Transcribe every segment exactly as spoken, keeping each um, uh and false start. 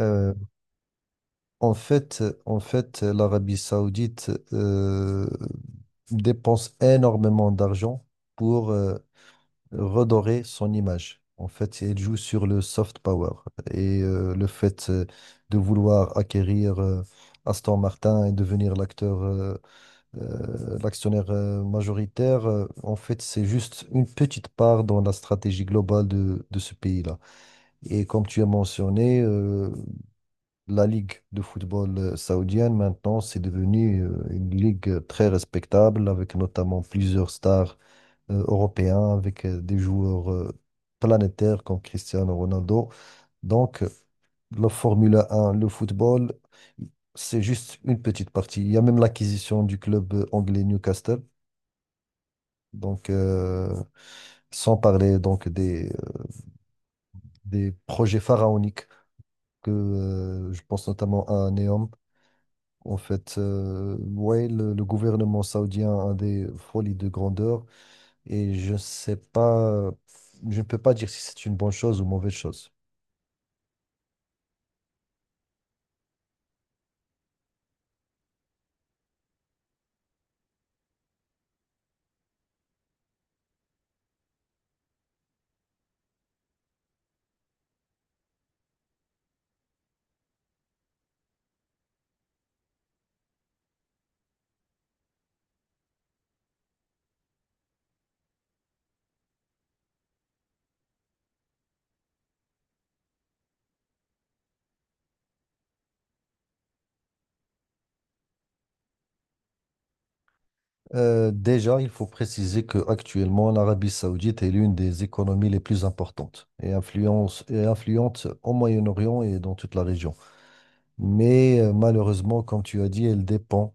Euh, en fait, en fait, l'Arabie Saoudite euh, dépense énormément d'argent pour euh, redorer son image. En fait, elle joue sur le soft power et euh, le fait euh, de vouloir acquérir euh, Aston Martin et devenir l'acteur, euh, euh, l'actionnaire euh, majoritaire, euh, en fait, c'est juste une petite part dans la stratégie globale de, de ce pays-là. Et comme tu as mentionné, euh, la ligue de football euh, saoudienne, maintenant, c'est devenu euh, une ligue euh, très respectable, avec notamment plusieurs stars euh, européens, avec euh, des joueurs euh, planétaires comme Cristiano Ronaldo. Donc, euh, la Formule un, le football, c'est juste une petite partie. Il y a même l'acquisition du club euh, anglais Newcastle. Donc, euh, sans parler donc des, euh, des projets pharaoniques que euh, je pense notamment à Neom. En fait, euh, ouais, le, le gouvernement saoudien a des folies de grandeur et je ne sais pas, je ne peux pas dire si c'est une bonne chose ou mauvaise chose. Euh, déjà, il faut préciser que actuellement, l'Arabie saoudite est l'une des économies les plus importantes et, influence, et influente au Moyen-Orient et dans toute la région. Mais euh, malheureusement, comme tu as dit, elle dépend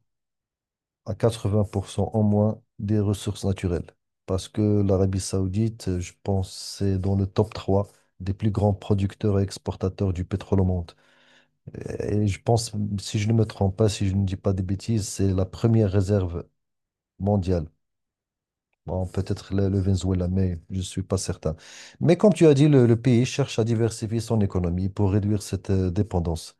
à quatre-vingts pour cent en moins des ressources naturelles. Parce que l'Arabie Saoudite, euh, je pense, c'est dans le top trois des plus grands producteurs et exportateurs du pétrole au monde. Et je pense, si je ne me trompe pas, si je ne dis pas des bêtises, c'est la première réserve mondiale. Bon, peut-être le, le Venezuela, mais je ne suis pas certain. Mais comme tu as dit, le, le pays cherche à diversifier son économie pour réduire cette euh, dépendance.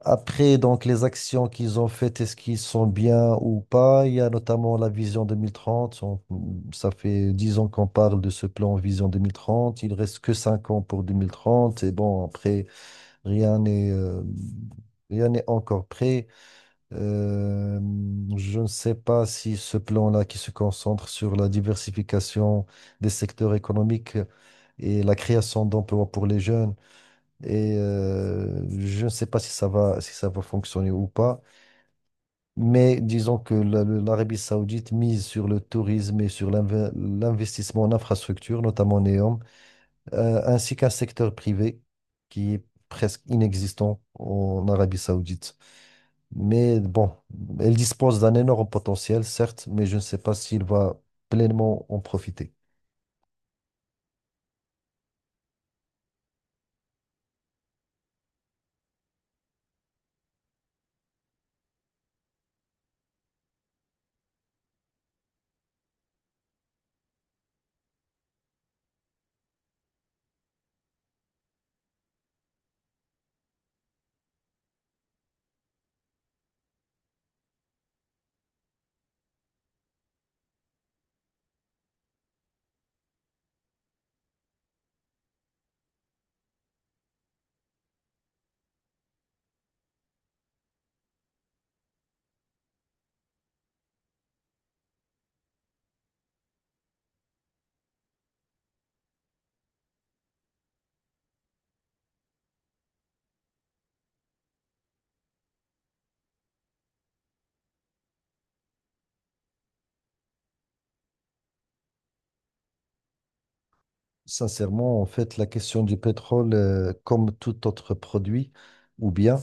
Après, donc, les actions qu'ils ont faites, est-ce qu'ils sont bien ou pas? Il y a notamment la vision vingt trente. On- ça fait dix ans qu'on parle de ce plan vision deux mille trente. Il reste que cinq ans pour vingt trente. Et bon, après, rien n'est euh, rien n'est encore prêt. Euh, je ne sais pas si ce plan-là qui se concentre sur la diversification des secteurs économiques et la création d'emplois pour les jeunes. Et euh, je ne sais pas si ça va, si ça va fonctionner ou pas, mais disons que la- le- l'Arabie Saoudite mise sur le tourisme et sur l'inve- l'investissement en infrastructure, notamment en NEOM, euh, ainsi qu'un secteur privé qui est presque inexistant en Arabie Saoudite. Mais bon, elle dispose d'un énorme potentiel, certes, mais je ne sais pas s'il va pleinement en profiter. Sincèrement, en fait, la question du pétrole, euh, comme tout autre produit, ou bien.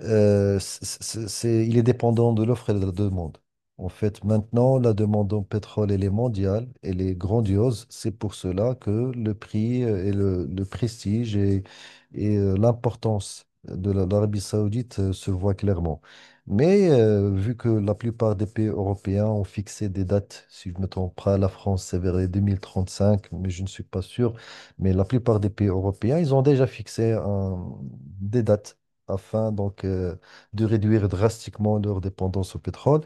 Euh, c- c- c'est, il est dépendant de l'offre et de la demande. En fait, maintenant, la demande en pétrole, elle est mondiale, elle est grandiose. C'est pour cela que le prix euh, et le, le prestige et, et, euh, l'importance de la- l'Arabie Saoudite euh, se voient clairement. Mais euh, vu que la plupart des pays européens ont fixé des dates, si je ne me trompe pas, la France, c'est vers les deux mille trente-cinq, mais je ne suis pas sûr. Mais la plupart des pays européens, ils ont déjà fixé un- des dates afin donc euh, de réduire drastiquement leur dépendance au pétrole.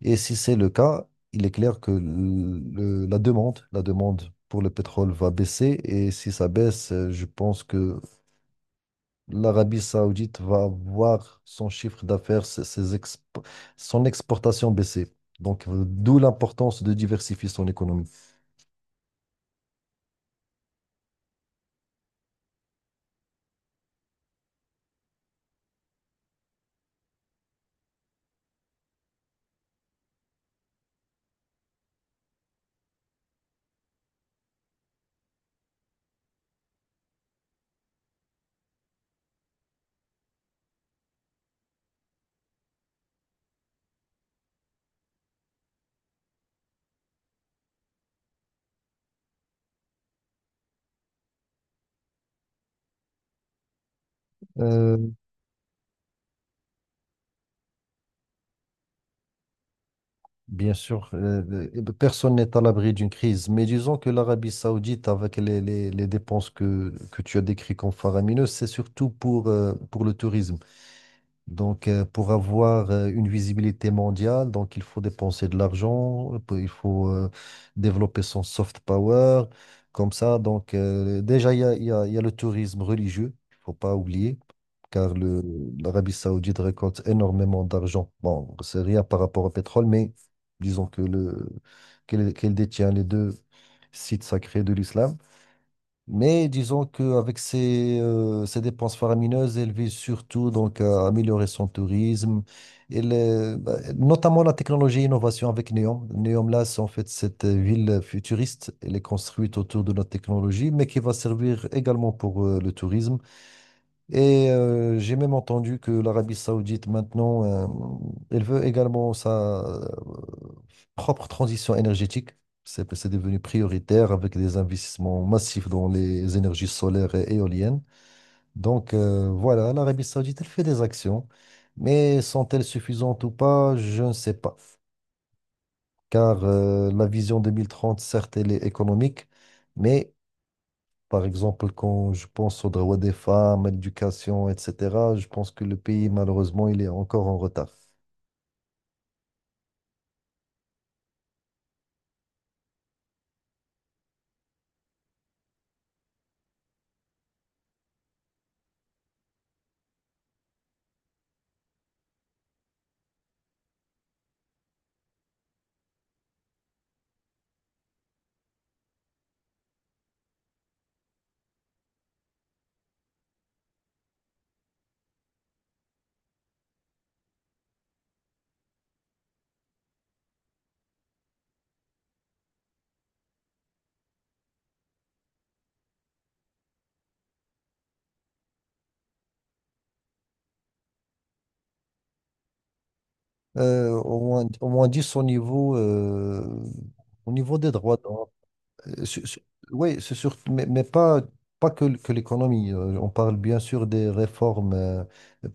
Et si c'est le cas, il est clair que le- la demande, la demande pour le pétrole va baisser. Et si ça baisse, euh, je pense que l'Arabie Saoudite va voir son chiffre d'affaires, ses- ses expo- son exportation baisser. Donc, euh, d'où l'importance de diversifier son économie. Euh, Bien sûr, euh, euh, euh, personne n'est à l'abri d'une crise, mais disons que l'Arabie Saoudite, avec les, les- les dépenses que, que tu as décrites comme faramineuses, c'est surtout pour, euh, pour le tourisme. Donc, euh, pour avoir euh, une visibilité mondiale, donc il faut dépenser de l'argent, euh, il faut euh, développer son soft power, comme ça. Donc, euh, déjà, il y a, il y a- il y a le tourisme religieux, il ne faut pas oublier car le- l'Arabie Saoudite récolte énormément d'argent. Bon, c'est rien par rapport au pétrole, mais disons que le, qu'elle, qu'elle détient les deux sites sacrés de l'islam. Mais disons qu'avec ses, euh, ses dépenses faramineuses, elle vise surtout donc à améliorer son tourisme, et le- bah, notamment la technologie et l'innovation avec Neom. Neom, là, c'est en fait cette ville futuriste. Elle est construite autour de notre technologie, mais qui va servir également pour euh, le tourisme et euh, j'ai même entendu que l'Arabie Saoudite, maintenant, euh, elle veut également sa euh, propre transition énergétique. C'est c'est devenu prioritaire avec des investissements massifs dans les énergies solaires et éoliennes. Donc euh, voilà, l'Arabie Saoudite, elle fait des actions, mais sont-elles suffisantes ou pas? Je ne sais pas. Car euh, la vision deux mille trente, certes, elle est économique, mais par exemple, quand je pense aux droits des femmes, à l'éducation, et cetera, je pense que le pays, malheureusement, il est encore en retard. Euh, au moins, au moins dix au niveau, euh, au niveau des droits. Oui, c'est sûr, mais, mais pas, pas que, l- que l'économie. Euh, On parle bien sûr des réformes euh,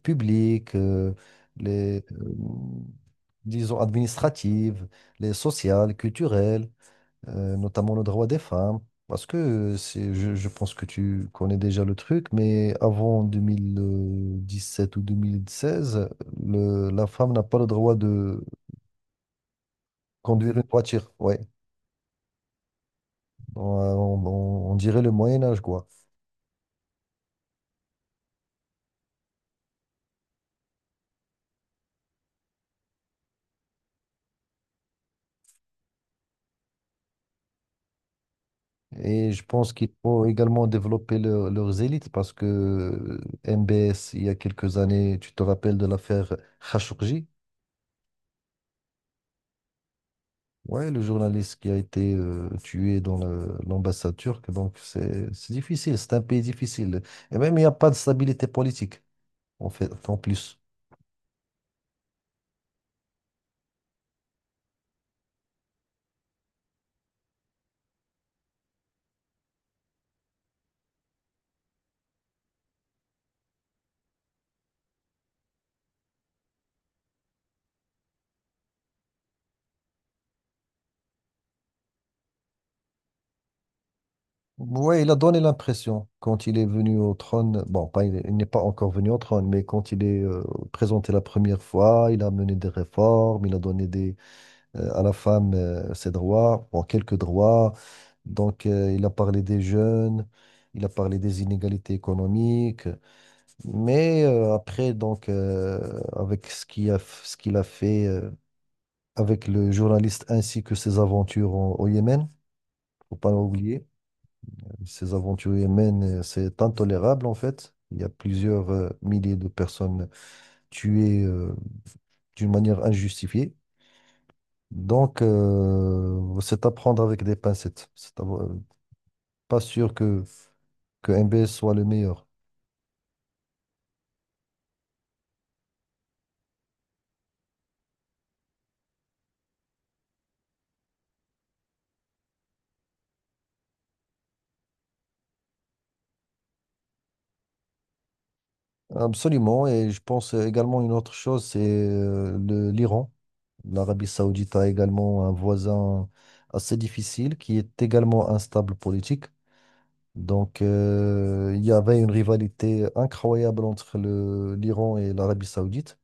publiques, euh, les, euh, disons, administratives, les sociales, culturelles. Euh, notamment le droit des femmes, parce que euh, c'est, je, je pense que tu connais déjà le truc, mais avant deux mille dix-sept ou deux mille seize, le, la femme n'a pas le droit de conduire une voiture, ouais, on, on- on dirait le Moyen Âge, quoi. Et je pense qu'il faut également développer leur- leurs élites, parce que euh, M B S, il y a quelques années, tu te rappelles de l'affaire Khashoggi. Ouais, le journaliste qui a été euh, tué dans le- l'ambassade turque, donc c'est c'est difficile, c'est un pays difficile. Et même il n'y a pas de stabilité politique, en fait, en plus. Ouais, il a donné l'impression, quand il est venu au trône, bon, pas, il est- il n'est pas encore venu au trône, mais quand il est euh, présenté la première fois, il a mené des réformes, il a donné des, euh, à la femme euh, ses droits, bon, quelques droits. Donc, euh, il a parlé des jeunes, il a parlé des inégalités économiques. Mais euh, après, donc, euh, avec ce qu'il a, f- ce qu'il a fait euh, avec le journaliste ainsi que ses aventures en- au Yémen, faut pas l'oublier, ses aventures au Yémen, euh, c'est intolérable en fait. Il y a plusieurs euh, milliers de personnes tuées euh, d'une manière injustifiée. Donc, euh, c'est à prendre avec des pincettes. C'est à- pas sûr que, que M B S soit le meilleur. Absolument, et je pense également une autre chose, c'est euh, le- l'Iran. L'Arabie Saoudite a également un voisin assez difficile qui est également instable politique. Donc, euh, il y avait une rivalité incroyable entre le- l'Iran et l'Arabie Saoudite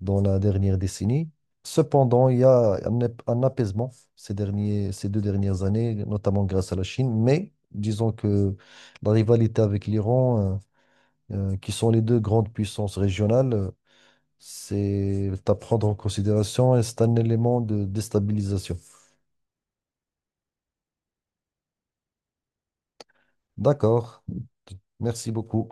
dans la dernière décennie. Cependant, il y a un, ap- un apaisement ces derniers, ces deux dernières années, notamment grâce à la Chine. Mais disons que la rivalité avec l'Iran, euh, euh, qui sont les deux grandes puissances régionales, euh, c'est à prendre en considération et c'est un élément de déstabilisation. D'accord. Merci beaucoup.